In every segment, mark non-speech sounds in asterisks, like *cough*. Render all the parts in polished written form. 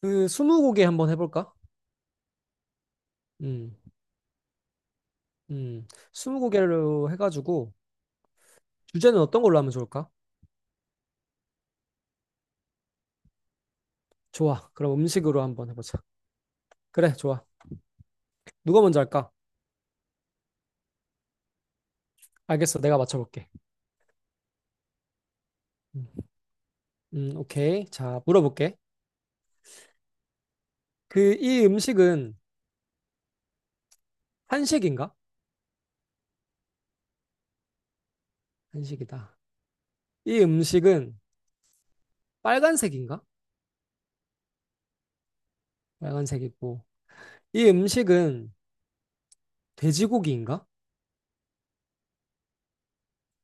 그 스무고개 한번 해볼까? 음, 음, 스무고개로 해가지고 주제는 어떤 걸로 하면 좋을까? 좋아. 그럼 음식으로 한번 해보자. 그래, 좋아. 누가 먼저 할까? 알겠어. 내가 맞춰볼게. 음, 오케이. 자, 물어볼게. 이 음식은 한식인가? 한식이다. 이 음식은 빨간색인가? 빨간색이고. 이 음식은 돼지고기인가?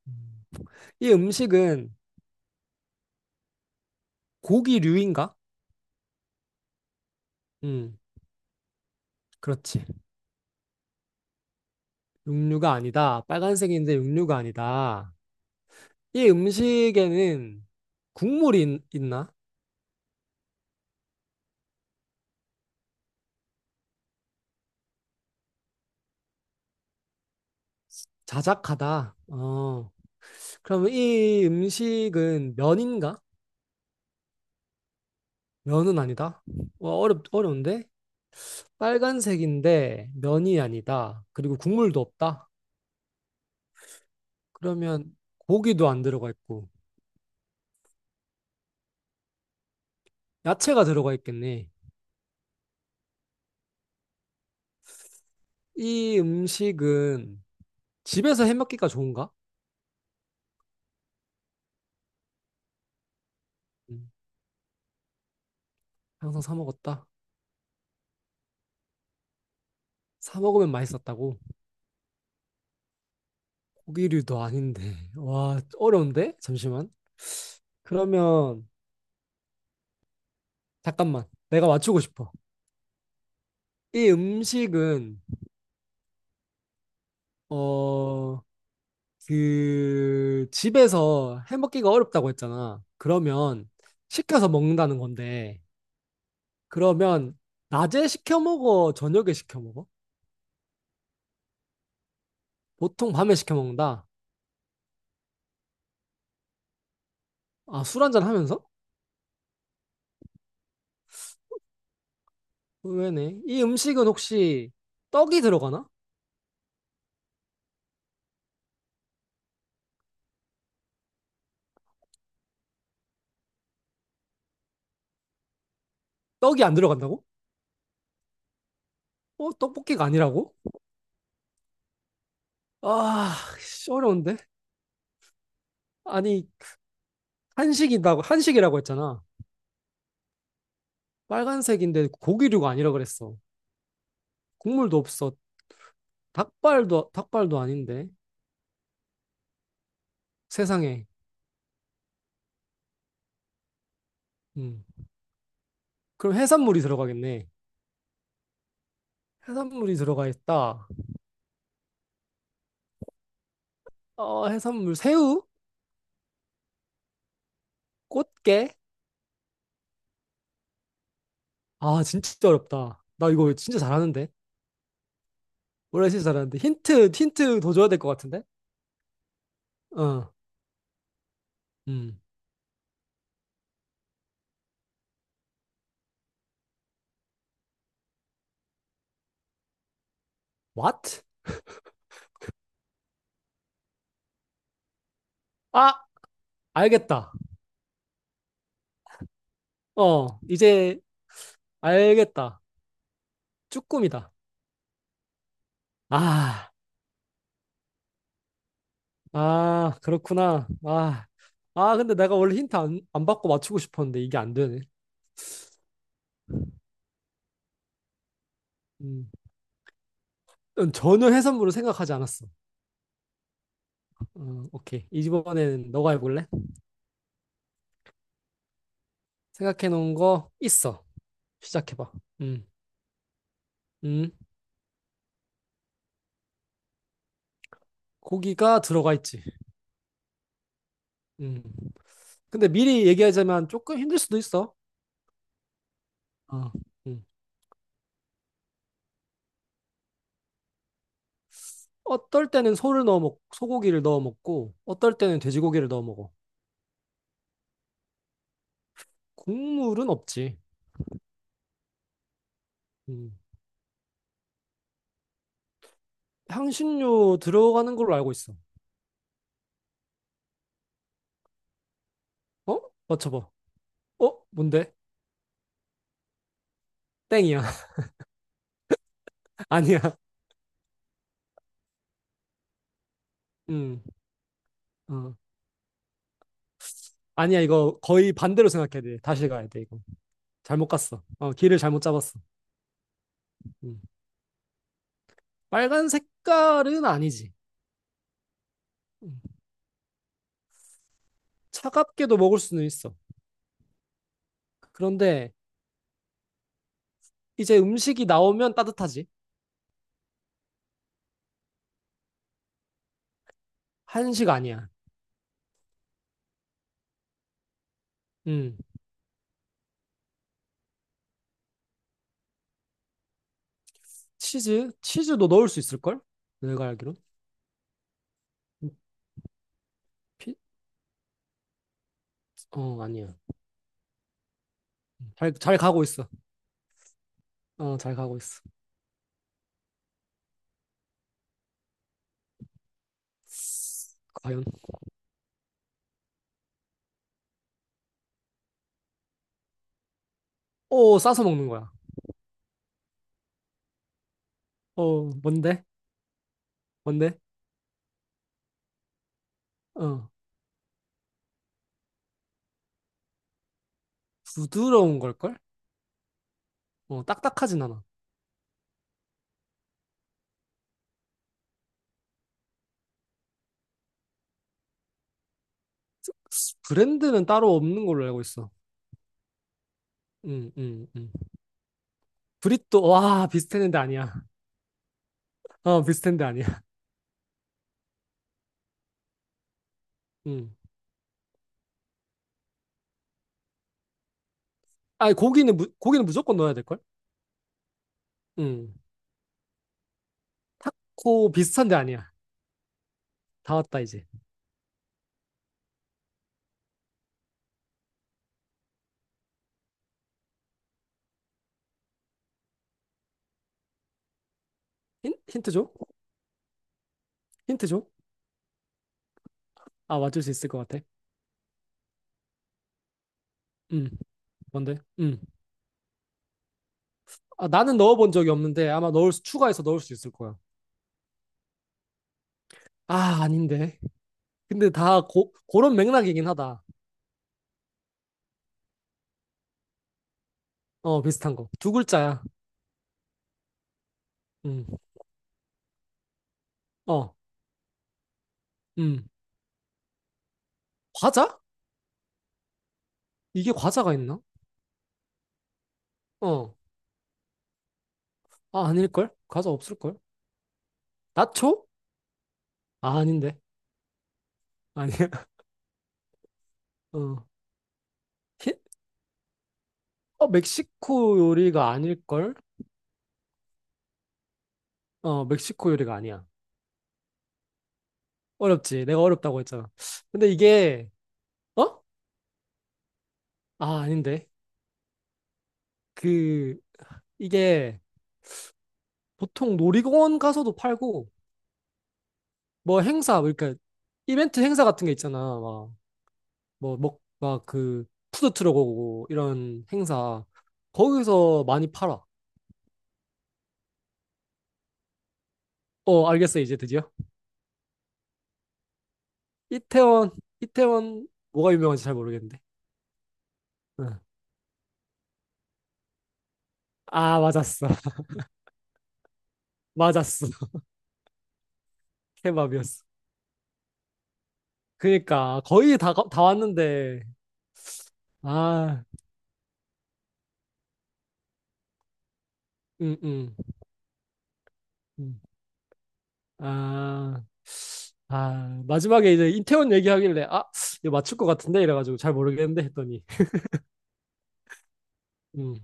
음. 이 음식은 고기류인가? 음, 그렇지. 육류가 아니다. 빨간색인데 육류가 아니다. 이 음식에는 있나? 자작하다. 어. 그러면 이 음식은 면인가? 면은 아니다. 와, 어려운데? 빨간색인데 면이 아니다. 그리고 국물도 없다. 그러면 고기도 안 들어가 있고 야채가 들어가 있겠네. 이 음식은 집에서 해먹기가 좋은가? 음, 항상 사 먹었다. 사 먹으면 맛있었다고. 고기류도 아닌데. 와, 어려운데? 잠시만. 그러면 잠깐만. 내가 맞추고 싶어. 이 음식은, 어, 집에서 해 먹기가 어렵다고 했잖아. 그러면, 시켜서 먹는다는 건데, 그러면, 낮에 시켜 먹어? 저녁에 시켜 먹어? 보통 밤에 시켜 먹는다. 아, 술 한잔 하면서? 의외네. 이 음식은 혹시 떡이 들어가나? 떡이 안 들어간다고? 어, 떡볶이가 아니라고? 아, 씨, 어려운데? 아니, 한식이라고 했잖아. 빨간색인데 고기류가 아니라 그랬어. 국물도 없어. 닭발도 아닌데 세상에. 음. 그럼 해산물이 들어가겠네. 해산물이 들어가 있다. 어, 해산물 새우? 꽃게? 아, 진짜 어렵다. 나 이거 진짜 잘하는데. 원래 진짜 잘하는데 힌트 더 줘야 될 것 같은데. 어. 음. What? 아, 알겠다. 어, 이제 알겠다. 쭈꾸미다. 아, 아, 그렇구나. 아, 아, 근데 내가 원래 힌트 안 받고 맞추고 싶었는데 이게 안 되네. 음. 전혀 해산물을 생각하지 않았어. 어, 오케이. 이번에는 너가 해볼래? 생각해 놓은 거 있어. 시작해봐. 음, 음. 고기가 들어가 있지. 음. 근데 미리 얘기하자면 조금 힘들 수도 있어. 어. 음. 어떨 때는 소고기를 넣어 먹고, 어떨 때는 돼지고기를 넣어 먹어. 국물은 없지. 음. 향신료 들어가는 걸로 알고 있어. 어? 맞춰봐. 어? 뭔데? 땡이야. *laughs* 아니야. 음. 어. 아니야, 이거 거의 반대로 생각해야 돼. 다시 가야 돼, 이거. 잘못 갔어. 어, 길을 잘못 잡았어. 음. 빨간 색깔은 아니지. 음. 차갑게도 먹을 수는 있어. 그런데 이제 음식이 나오면 따뜻하지. 한식 아니야. 음. 치즈? 치즈도 넣을 수 있을걸? 내가 알기론. 음, 피? 어, 아니야. 잘 가고 있어. 어, 잘 가고 있어. 과연? 오, 싸서 먹는 거야. 어, 뭔데? 뭔데? 어, 부드러운 걸걸? 어, 딱딱하진 않아. 브랜드는 따로 없는 걸로 알고 있어. 음, 음, 음. 브리또 와 비슷했는데 아니야. 어 비슷했는데 아니야. 음. 아니 고기는 무조건 넣어야 될 걸. 음. 타코 비슷한데 아니야. 다 왔다 이제. 힌트 줘. 힌트 줘. 아 맞출 수 있을 것 같아. 음. 뭔데? 음. 아 나는 넣어본 적이 없는데 아마 넣을 수 추가해서 넣을 수 있을 거야. 아 아닌데. 근데 그런 맥락이긴 하다. 어 비슷한 거. 두 글자야. 음. 어. 음. 과자? 이게 과자가 있나? 어. 아 아닐걸? 과자 없을걸? 나초? 아 아닌데. 아니야. 어, 히, 멕시코 요리가 아닐걸? 어, 멕시코 요리가 아니야. 어렵지. 내가 어렵다고 했잖아. 근데 이게, 어? 아, 아닌데. 그, 이게 보통 놀이공원 가서도 팔고, 뭐 행사, 뭐 그러니까 이벤트 행사 같은 게 있잖아. 막, 뭐, 막 그, 푸드트럭 오고, 이런 행사. 거기서 많이 팔아. 어, 알겠어, 이제 드디어. 이태원, 이태원, 뭐가 유명한지 잘 모르겠는데. 응. 아, 맞았어. *laughs* 맞았어. *laughs* 케밥이었어. 그니까 거의 다, 다 왔는데 아, 음, 음, 음. 아 아 마지막에 이제 이태원 얘기하길래 아 이거 맞출 것 같은데 이래가지고 잘 모르겠는데 했더니 음,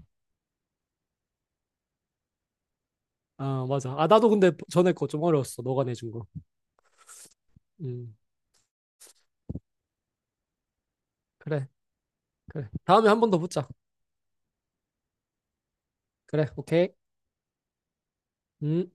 아 맞아 아 나도 근데 전에 거 좀 어려웠어 너가 내준 거 음, 그래 그래 다음에 한 번 더 붙자 그래 오케이 음